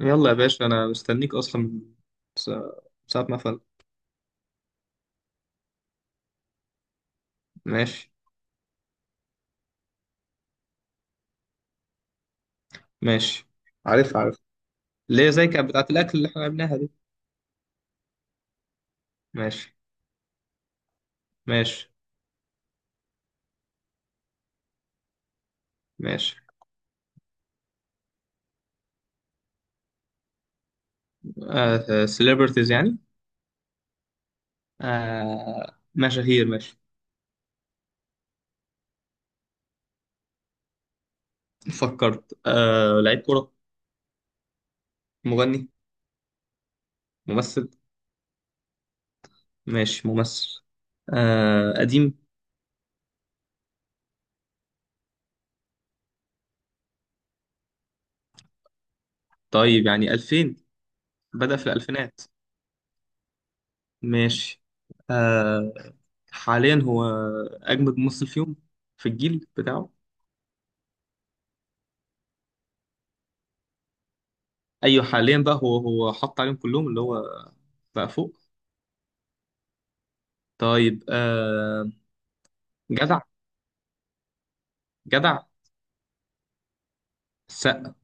يلا يا باشا، انا مستنيك اصلا من سا- ساعة ما فل. ماشي، ماشي. عارف، عارف. ليه زي كانت بتاعت الاكل اللي احنا عملناها دي؟ ماشي. ماشي. ماشي. آه، سيلبرتيز يعني. آه، مشاهير، ماشي. فكرت. آه، لعيب كرة؟ مغني؟ ممثل؟ ماشي، ممثل. آه، قديم؟ طيب يعني 2000، بدأ في الألفينات. ماشي. آه، حاليا هو أجمد ممثل فيهم في الجيل بتاعه. ايوه، حاليا بقى هو حط عليهم كلهم اللي هو بقى فوق. طيب، آه، جدع. جدع. السقا.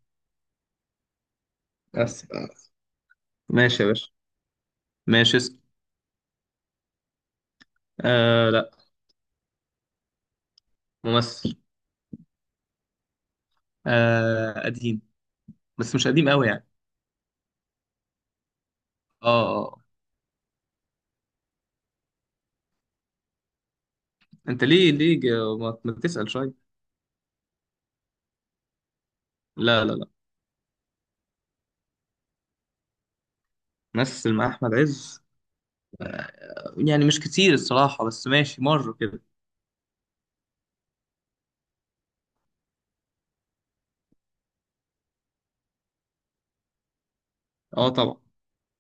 بس. ماشي يا باشا. ماشي، اسم. آه لا. ممثل. آه قديم، بس مش قديم قوي يعني. اه، اه، آه. انت ليه ما تسأل شوية. لا لا لا. مثل مع احمد عز؟ يعني مش كتير الصراحة، بس ماشي مرة كده. اه طبعا.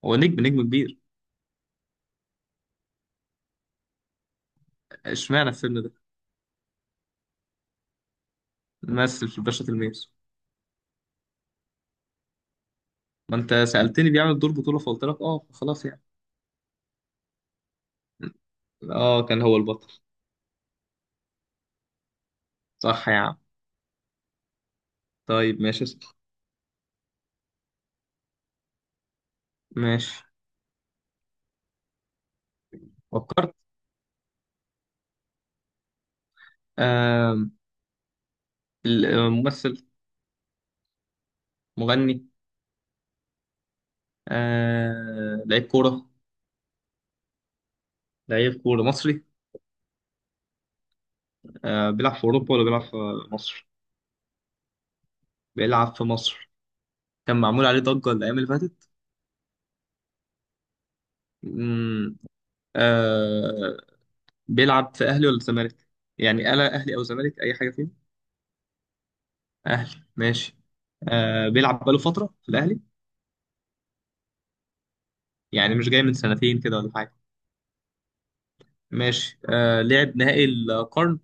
هو نجم، نجم كبير. اشمعنى الفيلم ده؟ مثل في الباشا تلميذ. ما انت سألتني بيعمل دور بطولة فقلت لك اه، خلاص يعني. اه، كان هو البطل. صح يا عم. طيب ماشي، اسأل. ماشي، فكرت. آم، الممثل. مغني. آه، لعيب كورة. لعيب كورة مصري. آه، بيلعب في أوروبا ولا بيلعب في مصر؟ بيلعب في مصر. كان معمول عليه ضجة الأيام اللي فاتت. مم، آه، بيلعب في أهلي ولا زمالك؟ يعني ألا أهلي أو زمالك أي حاجة فيهم؟ أهلي ماشي. آه، بيلعب بقاله فترة في الأهلي. يعني مش جاي من سنتين كده ولا حاجة. ماشي. آه، لعب نهائي القرن.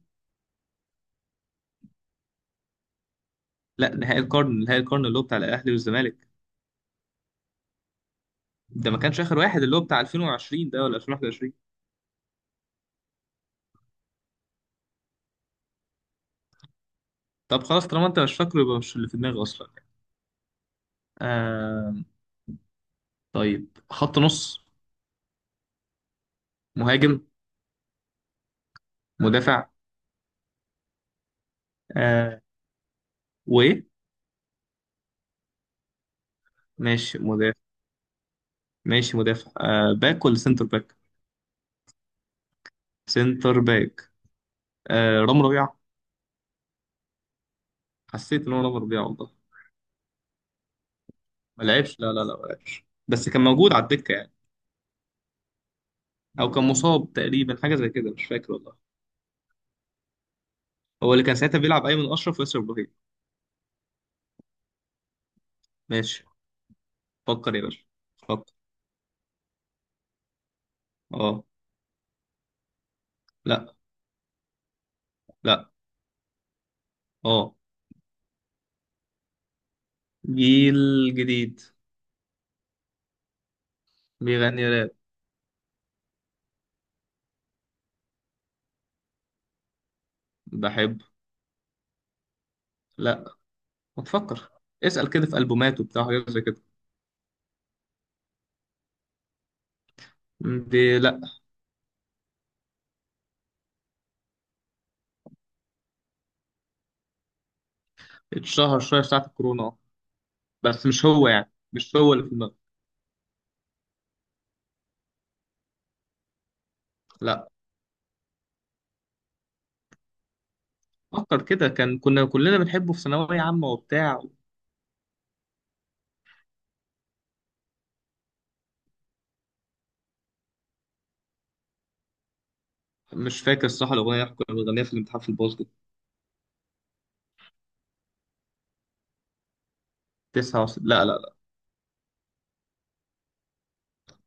لا، نهائي القرن، نهائي القرن اللي هو بتاع الاهلي والزمالك. ده ما كانش اخر واحد، اللي هو بتاع 2020 ده ولا 2021. طب خلاص، طالما انت مش فاكره يبقى مش اللي في دماغي اصلا. آه. طيب، خط نص؟ مهاجم؟ مدافع؟ آه. وايه؟ ماشي، مدافع. ماشي، مدافع. آه، باك ولا سنتر باك؟ سنتر باك. آه، رام ربيعة. حسيت ان هو رام ربيعة والله. ما لعبش، لا لا لا، ما لعبش بس كان موجود على الدكة يعني. او كان مصاب تقريبا، حاجة زي كده، مش فاكر والله. هو اللي كان ساعتها بيلعب ايمن اشرف وياسر ابراهيم. ماشي. فكر يا باشا، فكر. اه. لا. لا. اه. جيل جديد. بيغني راب. بحبه. لا. ما تفكر. اسأل كده في ألبوماته بتاع حاجات زي كده. دي لا. اتشهر شوية ساعة الكورونا اه. بس مش هو، يعني مش هو اللي في دماغك. لا. فكر كده، كان كنا كلنا بنحبه في ثانوية عامة وبتاع. مش فاكر الصراحة الأغنية اللي كنا بنغنيها في الامتحان في الباسكت. لا لا لا.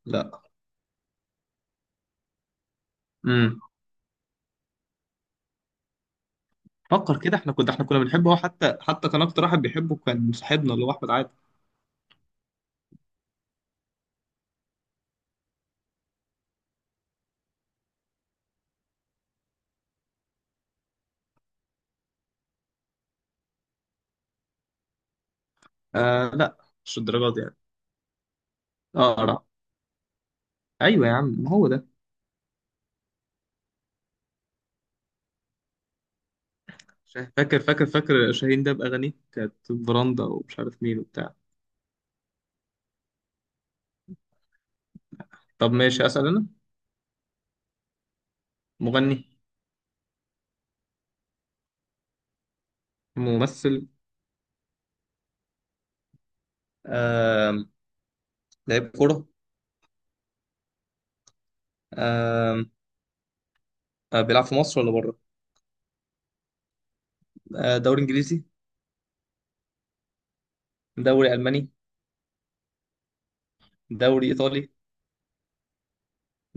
لا. امم. فكر كده، احنا كنا بنحبه هو، حتى كان أكتر واحد بيحبه كان صاحبنا اللي هو أحمد عادل. آه لا، مش الدرجات دي يعني. اقرا. ايوه يا عم، ما هو ده. فاكر، فاكر، فاكر. شاهين ده باغانيه كانت براندا ومش عارف مين وبتاع. طب ماشي، اسال انا. مغني. ممثل. آه، لعيب كوره. آه. آه، بيلعب في مصر ولا بره؟ آه، دوري انجليزي؟ دوري الماني؟ دوري ايطالي؟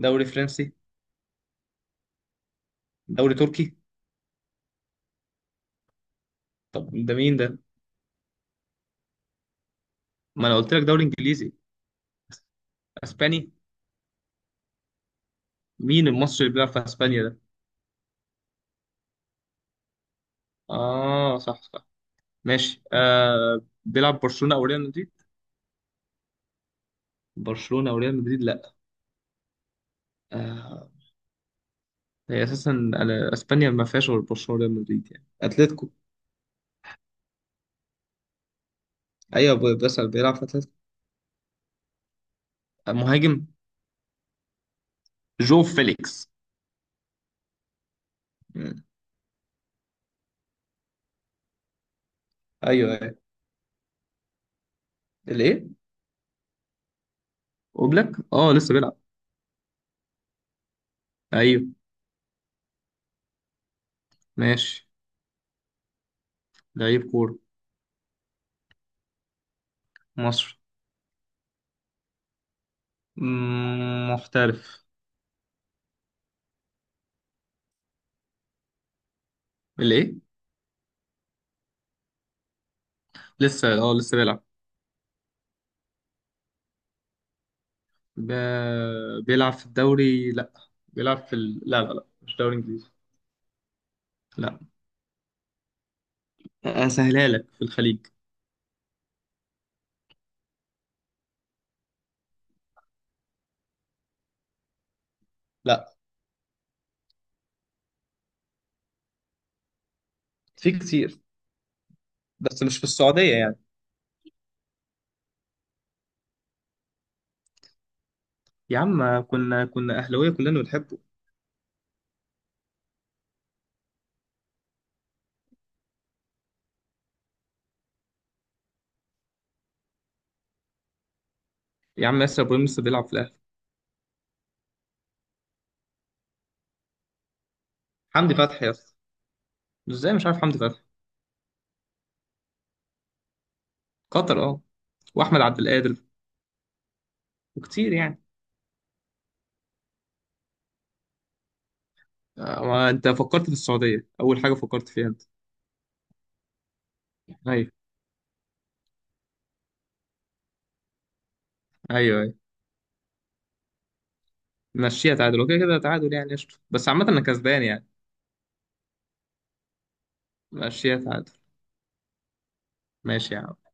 دوري فرنسي؟ دوري تركي؟ طب ده مين ده؟ ما انا قلت لك دوري انجليزي. اسباني. مين المصري اللي بيلعب في اسبانيا ده؟ اه صح، صح. ماشي، آه، بيلعب برشلونة او ريال مدريد؟ برشلونة او ريال مدريد، لا. آه. هي اساسا اسبانيا ما فيهاش غير برشلونة وريال مدريد، يعني اتلتيكو. ايوه، بس بيلعب في اتلتيكو. آه، مهاجم. جو فيليكس. مم. ايوه، ايوه. الايه؟ اوبلاك، اه لسه بيلعب. ايوه. ماشي، لعيب كورة. مصر. مم، محترف. الايه؟ لسه، اه لسه بيلعب. ب... بيلعب في الدوري، لا. بيلعب في لا لا لا، مش دوري انجليزي. لا. اسهلها لك، في الخليج. لا. في كتير، بس مش في السعودية يعني. يا عم، كنا اهلاويه كلنا بنحبه. يا عم ياسر ابراهيم لسه بيلعب في الاهلي. حمدي فتحي يا اسطى. ازاي مش عارف حمدي فتحي. قطر اه. واحمد عبد القادر. وكتير يعني. آه، ما انت فكرت في السعوديه اول حاجه فكرت فيها انت. ايوه، ايوه. ايوه، مشيها تعادل وكده كده تعادل يعني قشطه، بس عامه انا كسبان يعني. مشيها تعادل. ماشي يا عم.